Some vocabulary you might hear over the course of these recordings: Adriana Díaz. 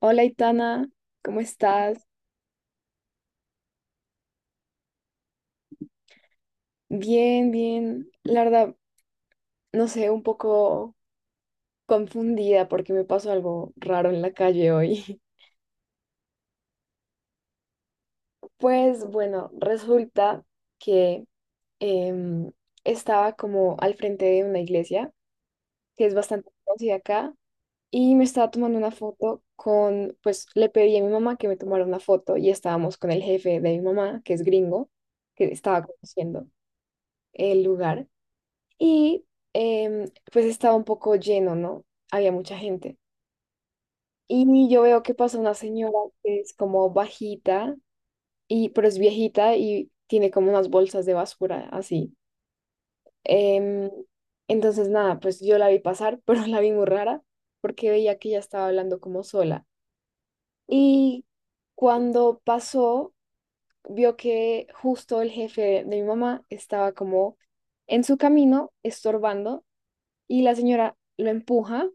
Hola, Itana, ¿cómo estás? Bien, bien. La verdad, no sé, un poco confundida porque me pasó algo raro en la calle hoy. Pues bueno, resulta que em, estaba como al frente de una iglesia que es bastante conocida acá y me estaba tomando una foto con, pues le pedí a mi mamá que me tomara una foto y estábamos con el jefe de mi mamá, que es gringo, que estaba conociendo el lugar. Y pues estaba un poco lleno, ¿no? Había mucha gente. Y yo veo que pasa una señora que es como bajita, y, pero es viejita y tiene como unas bolsas de basura así. Em, entonces, nada, pues yo la vi pasar, pero la vi muy rara porque veía que ella estaba hablando como sola. Y cuando pasó, vio que justo el jefe de mi mamá estaba como en su camino, estorbando, y la señora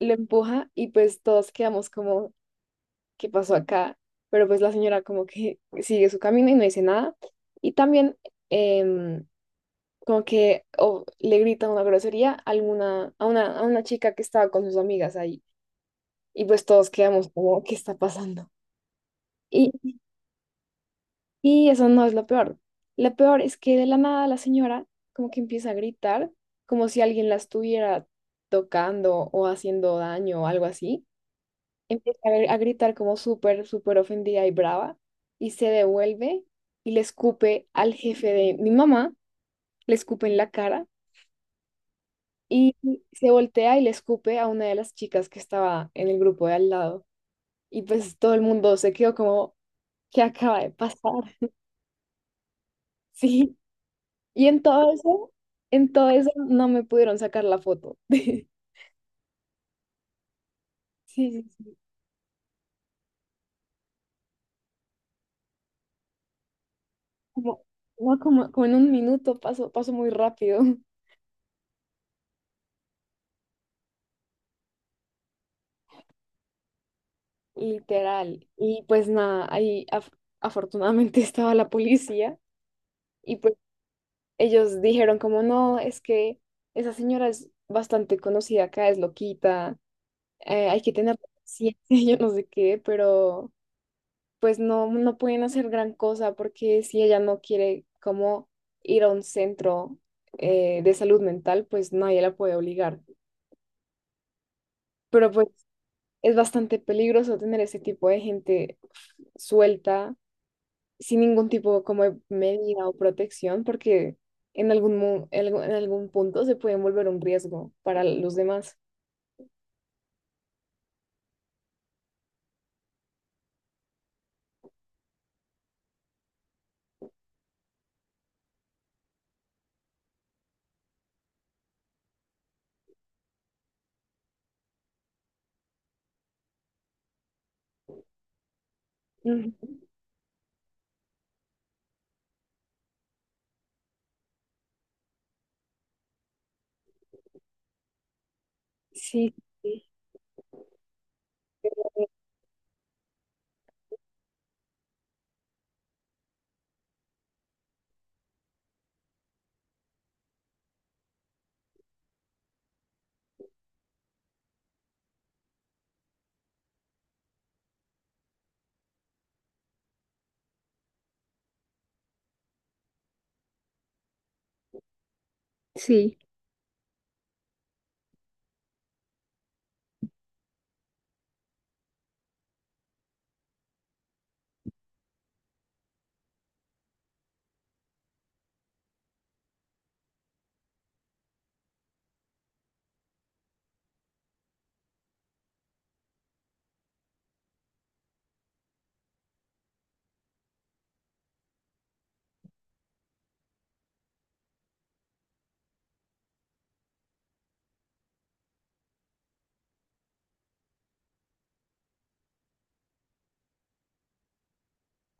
lo empuja y pues todos quedamos como, ¿qué pasó acá? Pero pues la señora como que sigue su camino y no dice nada. Y también em, como que o le grita una grosería a, alguna, a una chica que estaba con sus amigas ahí. Y pues todos quedamos como, ¿qué está pasando? Y, y eso no es lo peor. Lo peor es que de la nada la señora como que empieza a gritar, como si alguien la estuviera tocando o haciendo daño o algo así. Empieza a a gritar como súper, súper ofendida y brava, y se devuelve y le escupe al jefe de mi mamá, le escupe en la cara, y se voltea y le escupe a una de las chicas que estaba en el grupo de al lado. Y pues todo el mundo se quedó como, ¿qué acaba de pasar? Sí, y en todo eso no me pudieron sacar la foto. Sí, sí, sí. Como, no, como, como en un minuto pasó, pasó muy rápido. Literal. Y pues nada, ahí afortunadamente estaba la policía y pues ellos dijeron como no, es que esa señora es bastante conocida acá, es loquita, hay que tener paciencia, yo no sé qué, pero pues no, no pueden hacer gran cosa porque si ella no quiere como ir a un centro de salud mental, pues nadie la puede obligar. Pero pues es bastante peligroso tener ese tipo de gente suelta sin ningún tipo como de medida o protección, porque en en algún punto se pueden volver un riesgo para los demás. Ujú. Sí, sí, sí.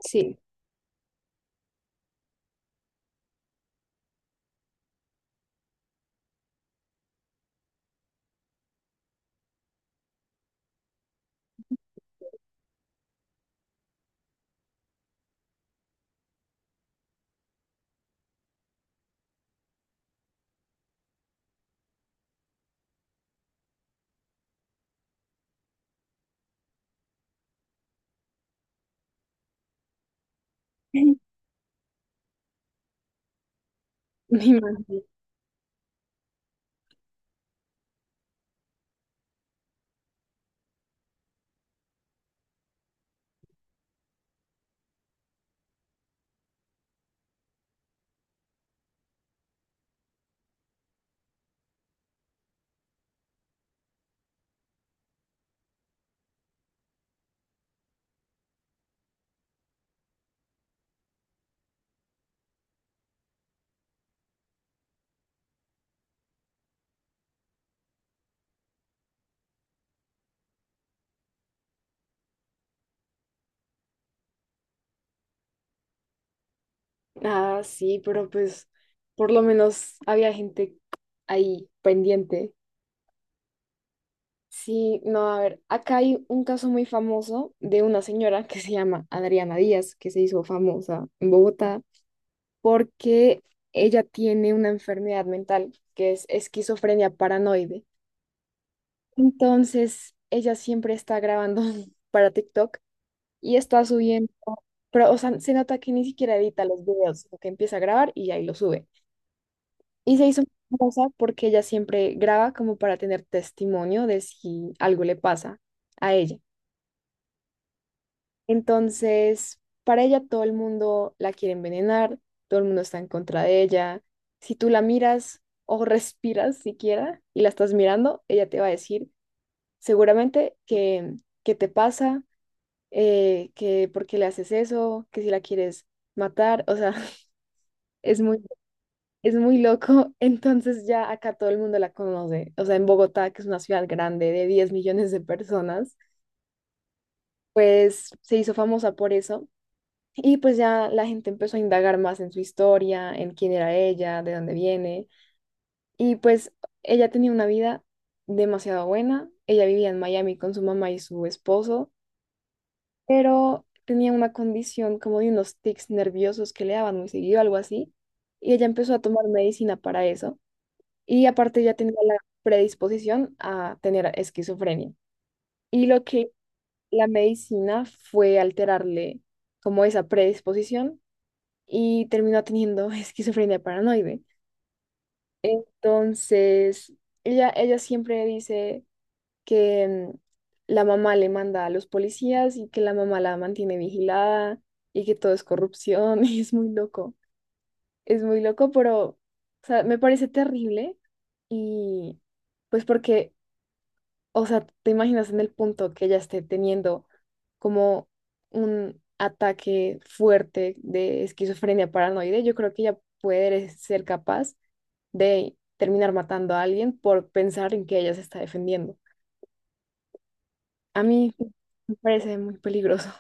Sí, me imagino. Ah, sí, pero pues por lo menos había gente ahí pendiente. Sí, no, a ver, acá hay un caso muy famoso de una señora que se llama Adriana Díaz, que se hizo famosa en Bogotá porque ella tiene una enfermedad mental que es esquizofrenia paranoide. Entonces, ella siempre está grabando para TikTok y está subiendo, pero o sea, se nota que ni siquiera edita los videos, sino que empieza a grabar y ahí lo sube. Y se hizo muy famosa porque ella siempre graba como para tener testimonio de si algo le pasa a ella. Entonces, para ella todo el mundo la quiere envenenar, todo el mundo está en contra de ella. Si tú la miras o respiras siquiera y la estás mirando, ella te va a decir seguramente que te pasa, que por qué le haces eso, que si la quieres matar, o sea, es muy, es muy loco. Entonces ya acá todo el mundo la conoce. O sea, en Bogotá, que es una ciudad grande de 10 millones de personas, pues se hizo famosa por eso. Y pues ya la gente empezó a indagar más en su historia, en quién era ella, de dónde viene. Y pues ella tenía una vida demasiado buena. Ella vivía en Miami con su mamá y su esposo, pero tenía una condición como de unos tics nerviosos que le daban muy seguido, algo así. Y ella empezó a tomar medicina para eso. Y aparte ya tenía la predisposición a tener esquizofrenia. Y lo que la medicina fue alterarle como esa predisposición y terminó teniendo esquizofrenia paranoide. Entonces, ella siempre dice que la mamá le manda a los policías y que la mamá la mantiene vigilada y que todo es corrupción y es muy loco. Es muy loco, pero o sea, me parece terrible y pues porque o sea, ¿te imaginas en el punto que ella esté teniendo como un ataque fuerte de esquizofrenia paranoide? Yo creo que ella puede ser capaz de terminar matando a alguien por pensar en que ella se está defendiendo. A mí me parece muy peligroso.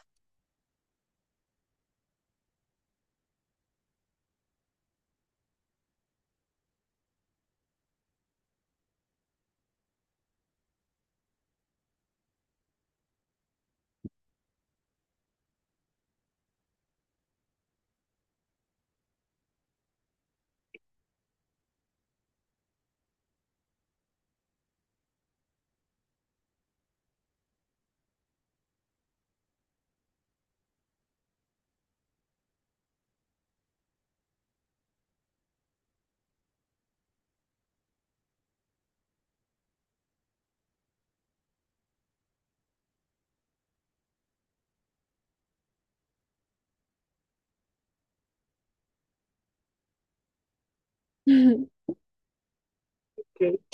Ok,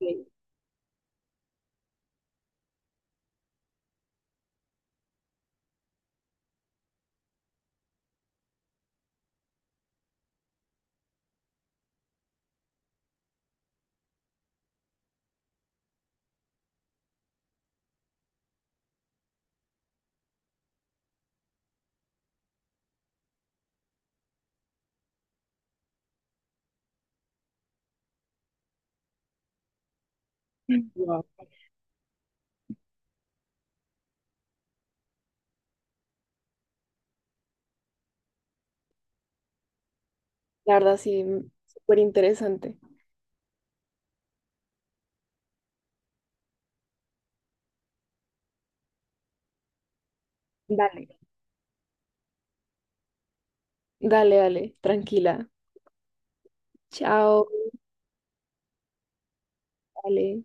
ok, wow. La verdad, sí, súper interesante. Dale. Dale, dale, tranquila. Chao, dale.